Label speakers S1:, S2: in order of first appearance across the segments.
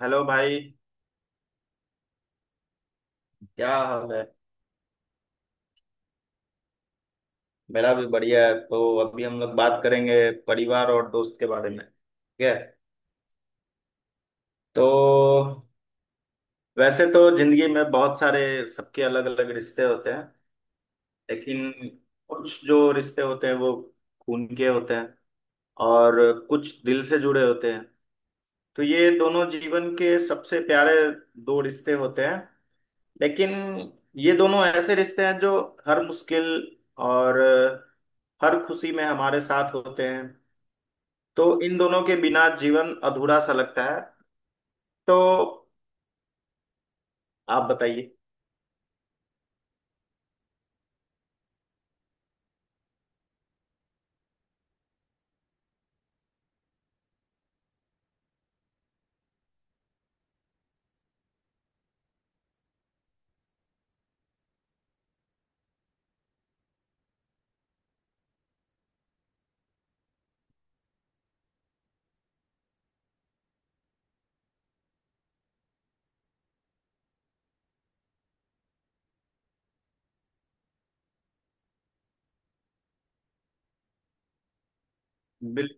S1: Hello भाई। क्या हाल है। मेरा भी बढ़िया है, तो अभी हम लोग बात करेंगे परिवार और दोस्त के बारे में। ठीक है। तो वैसे तो जिंदगी में बहुत सारे सबके अलग अलग रिश्ते होते हैं। लेकिन कुछ जो रिश्ते होते हैं वो खून के होते हैं और कुछ दिल से जुड़े होते हैं। तो ये दोनों जीवन के सबसे प्यारे दो रिश्ते होते हैं। लेकिन ये दोनों ऐसे रिश्ते हैं जो हर मुश्किल और हर खुशी में हमारे साथ होते हैं। तो इन दोनों के बिना जीवन अधूरा सा लगता है। तो आप बताइए। बिल,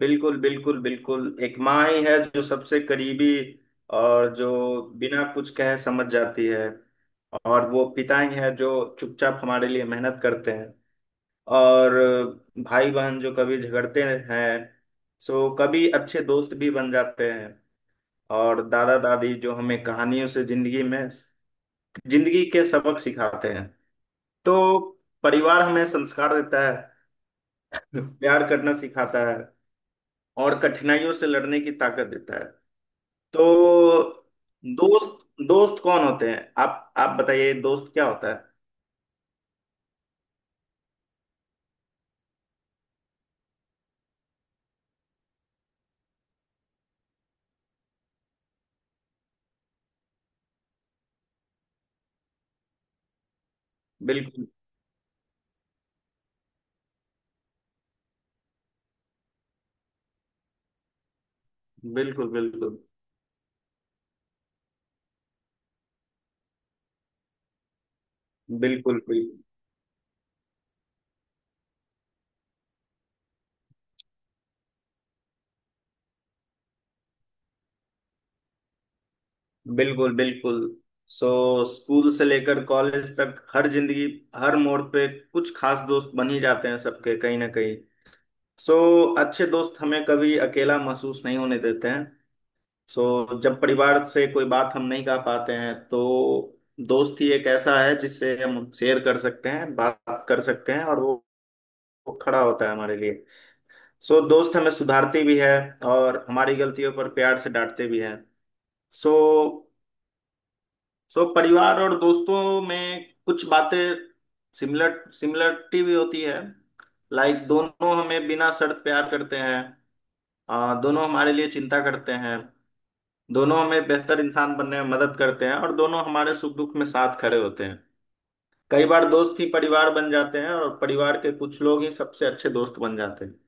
S1: बिल्कुल, बिल्कुल, बिल्कुल, एक माँ ही है जो सबसे करीबी और जो बिना कुछ कहे समझ जाती है। और वो पिता ही है जो चुपचाप हमारे लिए मेहनत करते हैं। और भाई बहन जो कभी झगड़ते हैं सो कभी अच्छे दोस्त भी बन जाते हैं। और दादा दादी जो हमें कहानियों से जिंदगी के सबक सिखाते हैं। तो परिवार हमें संस्कार देता है, प्यार करना सिखाता है और कठिनाइयों से लड़ने की ताकत देता है। तो दोस्त दोस्त कौन होते हैं? आप बताइए, दोस्त क्या होता है? बिल्कुल, बिल्कुल, बिल्कुल, बिल्कुल, बिल्कुल, बिल्कुल, बिल्कुल। सो स्कूल से लेकर कॉलेज तक हर मोड़ पे कुछ खास दोस्त बन ही जाते हैं सबके, कहीं ना कहीं। सो अच्छे दोस्त हमें कभी अकेला महसूस नहीं होने देते हैं। सो जब परिवार से कोई बात हम नहीं कह पाते हैं तो दोस्त ही एक ऐसा है जिससे हम शेयर कर सकते हैं, बात कर सकते हैं, और वो खड़ा होता है हमारे लिए। सो दोस्त हमें सुधारते भी है और हमारी गलतियों पर प्यार से डांटते भी हैं। सो सो परिवार और दोस्तों में कुछ बातें सिमिलरिटी भी होती है। लाइक दोनों हमें बिना शर्त प्यार करते हैं। दोनों हमारे लिए चिंता करते हैं, दोनों हमें बेहतर इंसान बनने में मदद करते हैं और दोनों हमारे सुख दुख में साथ खड़े होते हैं। कई बार दोस्त ही परिवार बन जाते हैं और परिवार के कुछ लोग ही सबसे अच्छे दोस्त बन जाते हैं।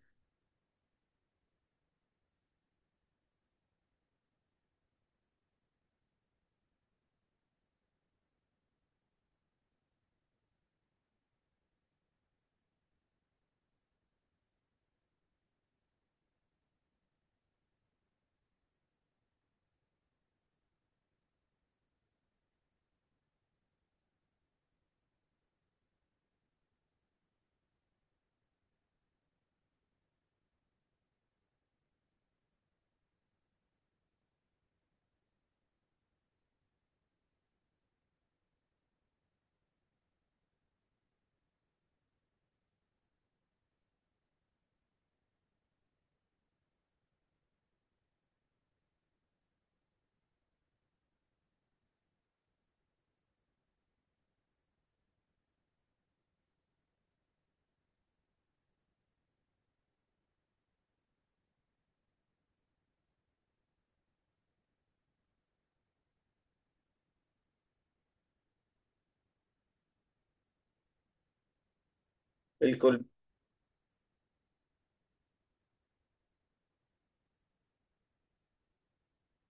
S1: बिल्कुल,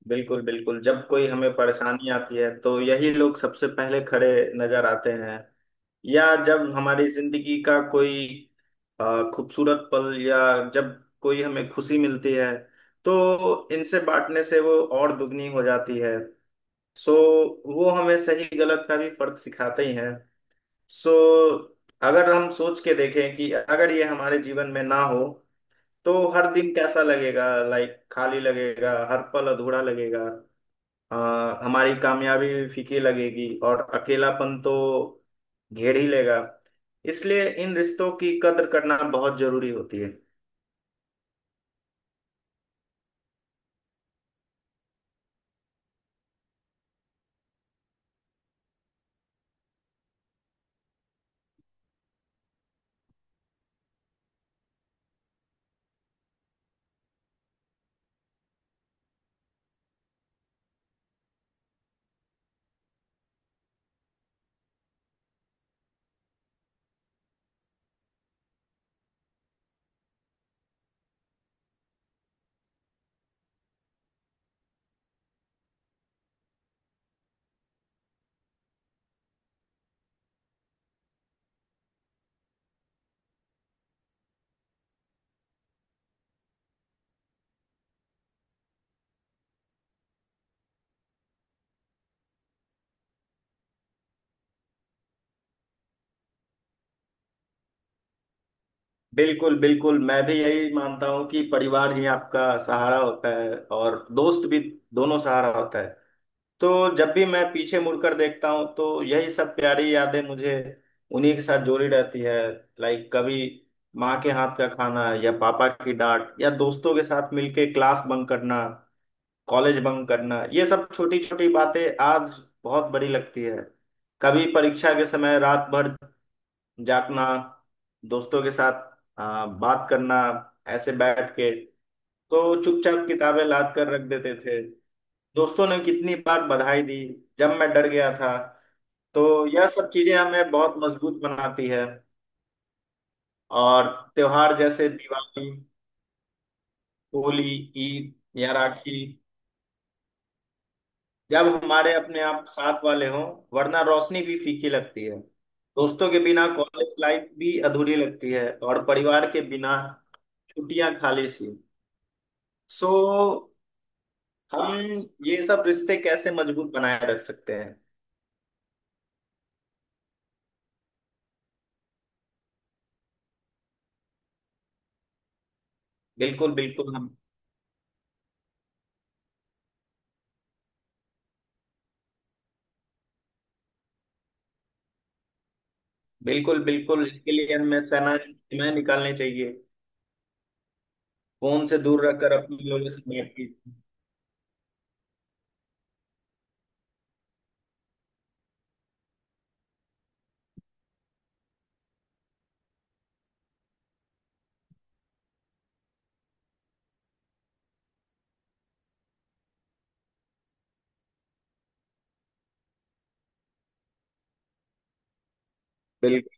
S1: बिल्कुल, बिल्कुल, जब कोई हमें परेशानी आती है तो यही लोग सबसे पहले खड़े नजर आते हैं। या जब हमारी जिंदगी का कोई खूबसूरत पल, या जब कोई हमें खुशी मिलती है तो इनसे बांटने से वो और दुगनी हो जाती है। सो वो हमें सही गलत का भी फर्क सिखाते ही हैं। सो अगर हम सोच के देखें कि अगर ये हमारे जीवन में ना हो तो हर दिन कैसा लगेगा, लाइक खाली लगेगा, हर पल अधूरा लगेगा। आ, हमारी कामयाबी भी फीकी लगेगी और अकेलापन तो घेर ही लेगा। इसलिए इन रिश्तों की कद्र करना बहुत जरूरी होती है। बिल्कुल, बिल्कुल, मैं भी यही मानता हूँ कि परिवार ही आपका सहारा होता है, और दोस्त भी, दोनों सहारा होता है। तो जब भी मैं पीछे मुड़कर देखता हूँ तो यही सब प्यारी यादें मुझे उन्हीं के साथ जोड़ी रहती है। लाइक कभी माँ के हाथ का खाना, या पापा की डांट, या दोस्तों के साथ मिलके क्लास बंक करना, कॉलेज बंक करना, ये सब छोटी छोटी बातें आज बहुत बड़ी लगती है। कभी परीक्षा के समय रात भर जागना, दोस्तों के साथ बात करना, ऐसे बैठ के तो चुपचाप किताबें लाद कर रख देते थे। दोस्तों ने कितनी बार बधाई दी जब मैं डर गया था तो। यह सब चीजें हमें बहुत मजबूत बनाती है। और त्योहार जैसे दिवाली, होली, ईद या राखी, जब हमारे अपने आप साथ वाले हों, वरना रोशनी भी फीकी लगती है। दोस्तों के बिना कॉलेज लाइफ भी अधूरी लगती है, और परिवार के बिना छुट्टियां खाली सी। सो हम ये सब रिश्ते कैसे मजबूत बनाए रख सकते हैं? बिल्कुल, बिल्कुल, हम बिल्कुल, बिल्कुल, इसके लिए हमें सेना सीमाएं निकालनी चाहिए। फोन से दूर रहकर अपने लोगों से बात की। बिल्कुल,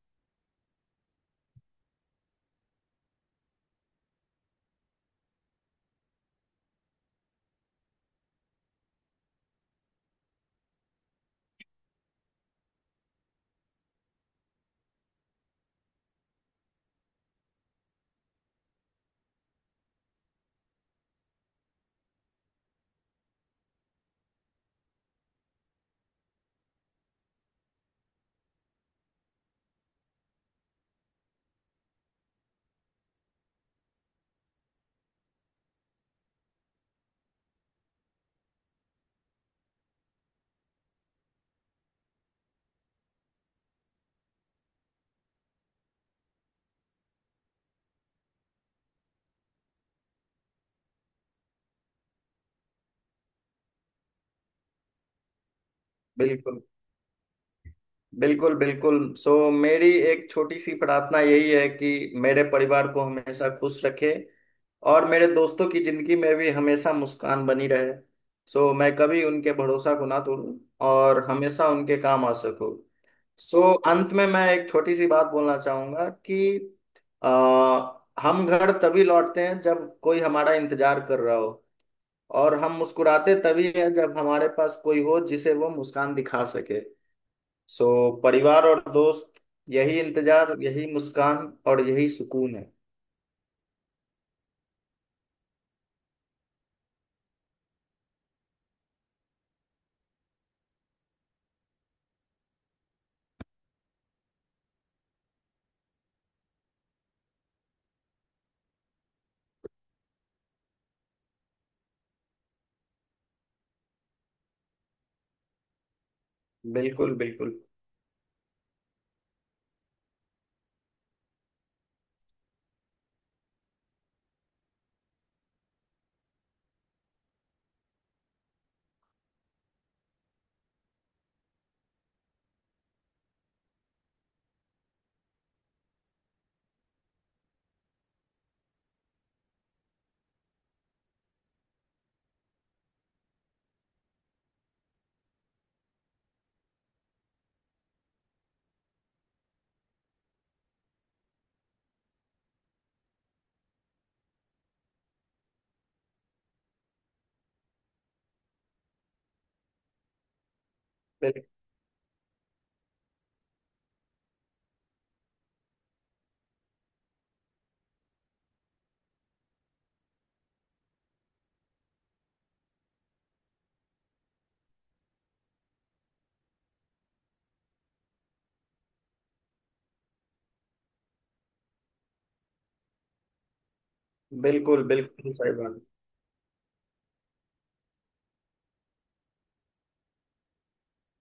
S1: बिल्कुल, बिल्कुल, बिल्कुल, सो मेरी एक छोटी सी प्रार्थना यही है कि मेरे परिवार को हमेशा खुश रखे और मेरे दोस्तों की जिंदगी में भी हमेशा मुस्कान बनी रहे। सो मैं कभी उनके भरोसा को ना तोड़ूं और हमेशा उनके काम आ सकूं। सो अंत में मैं एक छोटी सी बात बोलना चाहूंगा कि आ, हम घर तभी लौटते हैं जब कोई हमारा इंतजार कर रहा हो, और हम मुस्कुराते तभी हैं जब हमारे पास कोई हो जिसे वो मुस्कान दिखा सके। सो परिवार और दोस्त, यही इंतजार, यही मुस्कान और यही सुकून है। बिल्कुल, बिल्कुल, बिल- बिल्कुल, बिल्कुल, सही बात।